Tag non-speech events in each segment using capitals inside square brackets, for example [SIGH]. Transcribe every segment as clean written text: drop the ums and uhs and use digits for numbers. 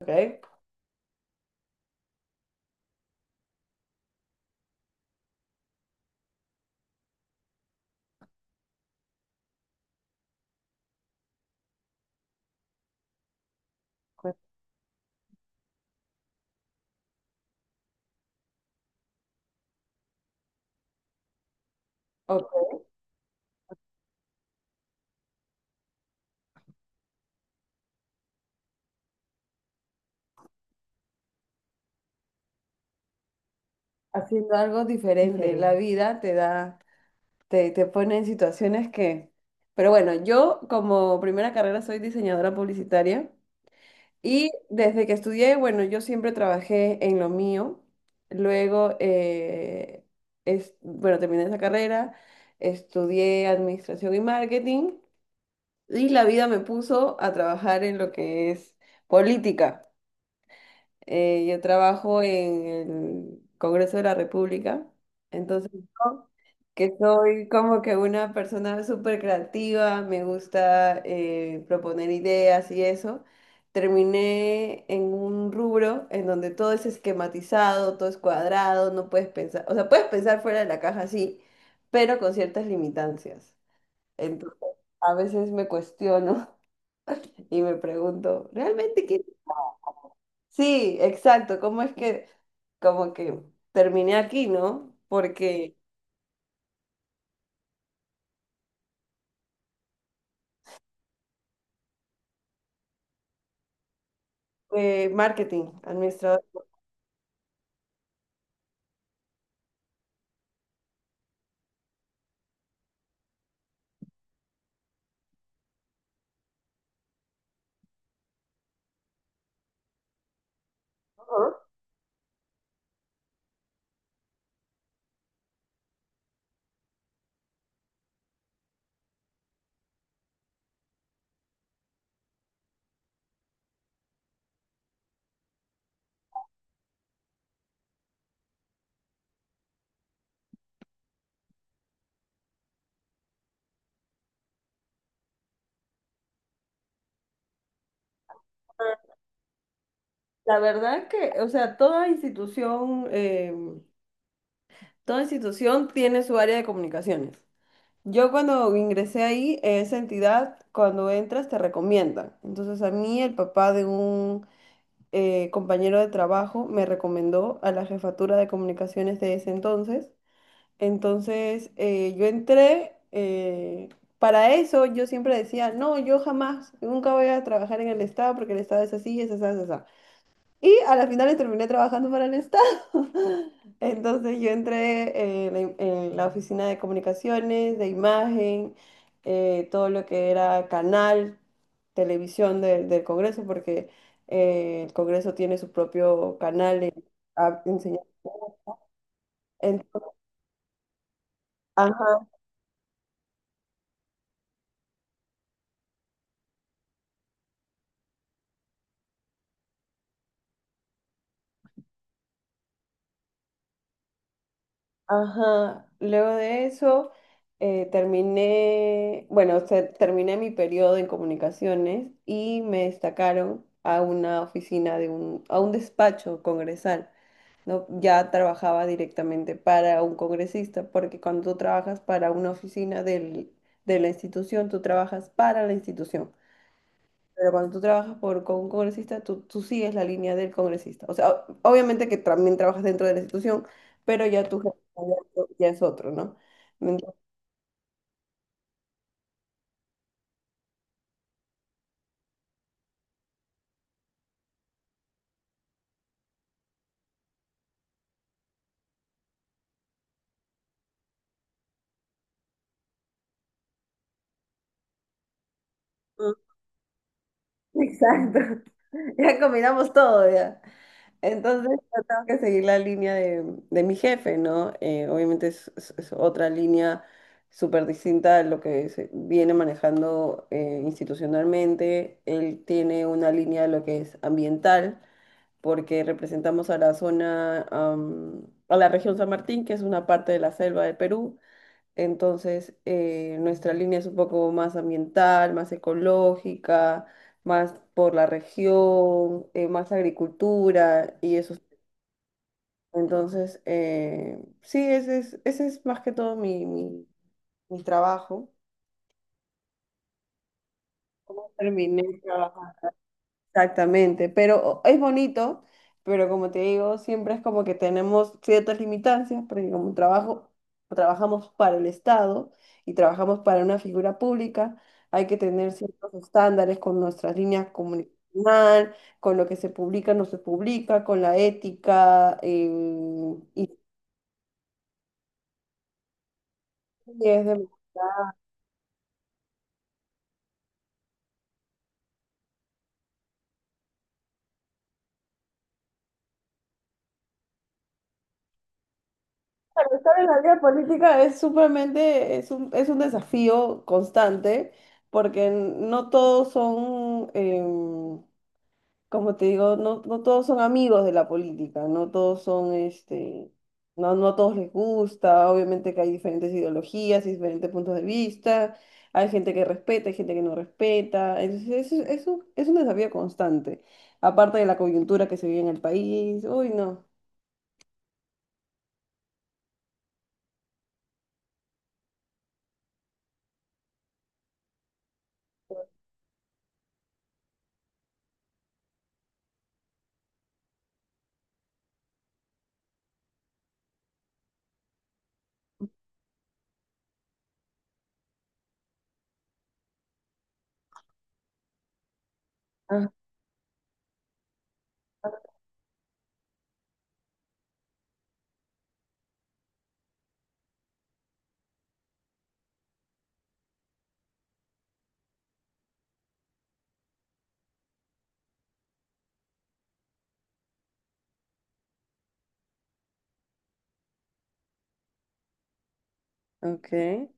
Ok. Ok, haciendo algo diferente. Diferente. La Diferente. Te, te pone en situaciones que... Pero bueno, yo como primera carrera soy diseñadora publicitaria y desde que estudié, bueno, yo siempre trabajé en lo mío. Luego, es, bueno, terminé esa carrera, estudié administración y marketing y la vida me puso a trabajar en lo que es política. Yo trabajo en el Congreso de la República, entonces yo, que soy como que una persona súper creativa, me gusta proponer ideas y eso, terminé en un rubro en donde todo es esquematizado, todo es cuadrado, no puedes pensar, o sea, puedes pensar fuera de la caja, sí, pero con ciertas limitancias. Entonces, a veces me cuestiono [LAUGHS] y me pregunto, ¿realmente quiero? Sí, exacto, ¿cómo es que como que terminé aquí, ¿no? Porque marketing, administrador. Ajá. La verdad que, o sea, toda institución tiene su área de comunicaciones. Yo cuando ingresé ahí, esa entidad, cuando entras, te recomienda. Entonces a mí el papá de un compañero de trabajo me recomendó a la jefatura de comunicaciones de ese entonces. Entonces, yo entré, para eso yo siempre decía, no, yo jamás, nunca voy a trabajar en el Estado porque el Estado es así, es así, es así. Y a la final terminé trabajando para el Estado. [LAUGHS] Entonces, yo entré en la oficina de comunicaciones, de imagen, todo lo que era canal, televisión del Congreso, porque el Congreso tiene su propio canal. A- enseñar- en- ajá. Ajá, luego de eso terminé, bueno, o sea, terminé mi periodo en comunicaciones y me destacaron a una oficina de un, a un despacho congresal, ¿no? Ya trabajaba directamente para un congresista, porque cuando tú trabajas para una oficina de la institución, tú trabajas para la institución. Pero cuando tú trabajas por, con un congresista, tú sigues la línea del congresista. O sea, obviamente que también trabajas dentro de la institución, pero ya tu jefe ya es otro, ¿no? Entonces... Mm, exacto. [LAUGHS] Ya combinamos todo, ya. Entonces, yo tengo que seguir la línea de mi jefe, ¿no? Obviamente es, es otra línea súper distinta a lo que se viene manejando institucionalmente. Él tiene una línea de lo que es ambiental, porque representamos a la zona, a la región San Martín, que es una parte de la selva de Perú. Entonces, nuestra línea es un poco más ambiental, más ecológica, más por la región, más agricultura y eso. Entonces, sí, ese es más que todo mi, mi, mi trabajo. Terminé trabajando exactamente, pero es bonito, pero como te digo, siempre es como que tenemos ciertas limitancias, porque como trabajo, trabajamos para el Estado y trabajamos para una figura pública, hay que tener ciertos estándares con nuestras líneas comunicacional, con lo que se publica, no se publica, con la ética, y y es de- estar en la vida política es supremamente, es un desafío constante, porque no todos son... como te digo, no, no todos son amigos de la política, no todos son, este, no, no a todos les gusta, obviamente que hay diferentes ideologías y diferentes puntos de vista, hay gente que respeta, hay gente que no respeta, entonces eso es un desafío constante, aparte de la coyuntura que se vive en el país, uy, no. Ah, ok.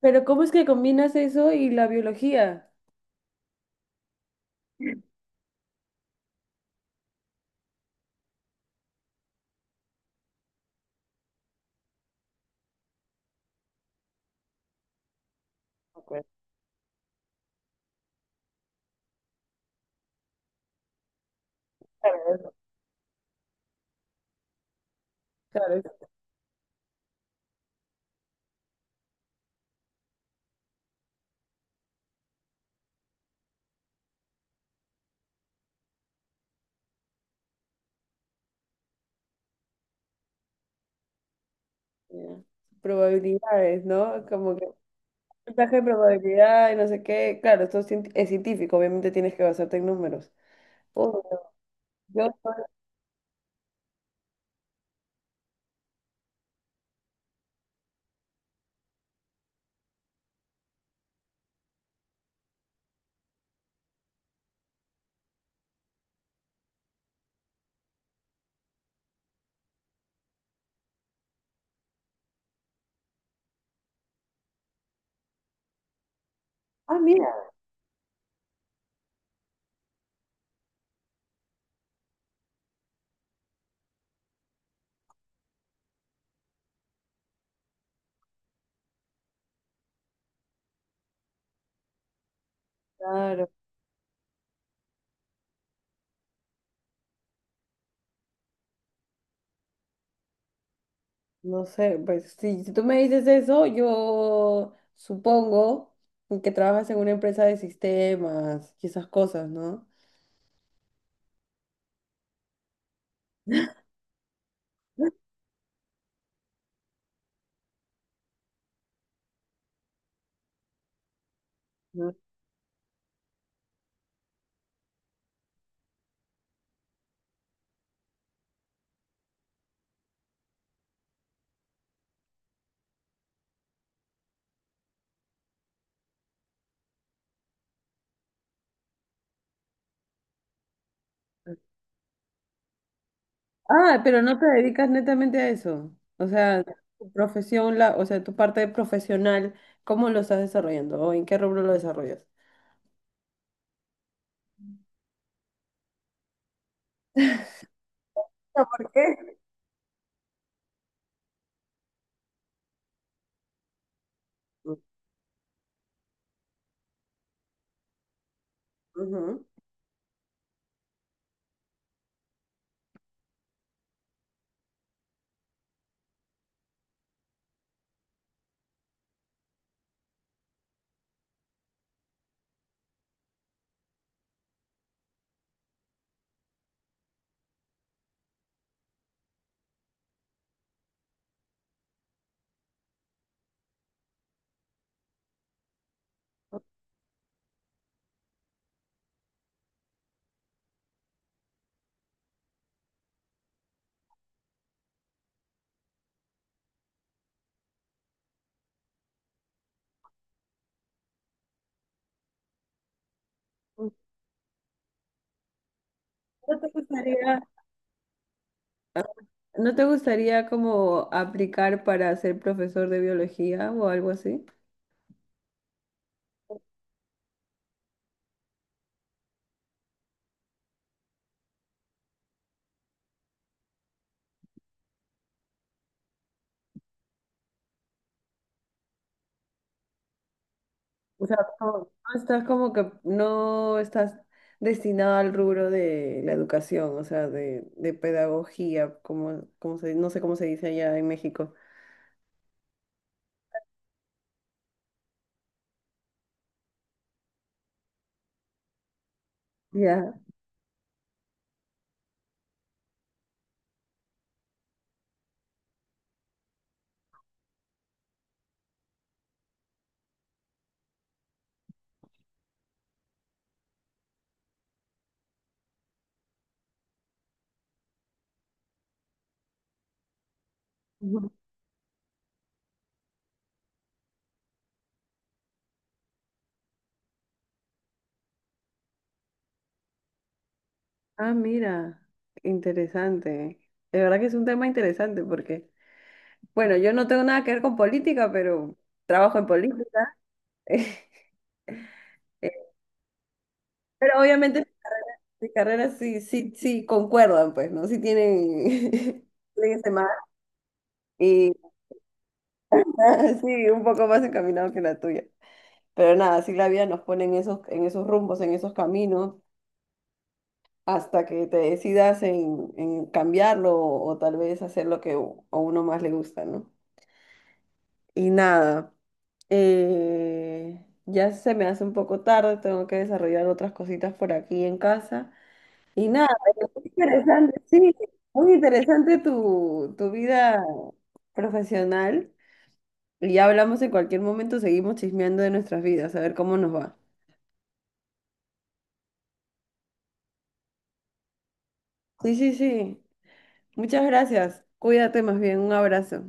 Pero ¿cómo es que combinas eso y la biología? Ok. Claro, claro, ya. Probabilidades, ¿no? Como que porcentaje de probabilidad y no sé qué. Claro, esto es, es científico, obviamente tienes que basarte en números. Oh, yo, ah, mira, claro, no sé, pues si, si tú me dices eso, yo supongo que trabajas en una empresa de sistemas y esas cosas, ¿no? Ujú. Ah, pero no te dedicas netamente a eso. O sea, tu profesión, la, o sea, tu parte profesional, ¿cómo lo estás desarrollando o en qué rubro lo desarrollas? No, ¿por qué? Ujú. ¿No te gustaría? ¿No te gustaría como aplicar para ser profesor de biología o algo así? O sea, no estás como que no estás destinado al rubro de la educación, o sea, de pedagogía, como, como se, no sé cómo se dice allá en México. Ya. Ujú. Ah, mira, interesante. De verdad que es un tema interesante porque, bueno, yo no tengo nada que ver con política, pero trabajo en política. [LAUGHS] Pero obviamente de carreras sí, sí, sí concuerdan, pues, ¿no? Sí tienen, [LAUGHS] tienen ese mar y [LAUGHS] sí, un poco más encaminado que la tuya. Pero nada, sí, la vida nos pone en esos rumbos, en esos caminos, hasta que te decidas en cambiarlo o, tal vez hacer lo que a uno más le gusta, ¿no? Y nada, ya se me hace un poco tarde, tengo que desarrollar otras cositas por aquí en casa. Y nada, pero muy interesante, sí, muy interesante tu, tu vida profesional. Y ya hablamos en cualquier momento, seguimos chismeando de nuestras vidas, a ver cómo nos va. Sí, sí, sí. Muchas gracias. Cuídate más bien. Un abrazo.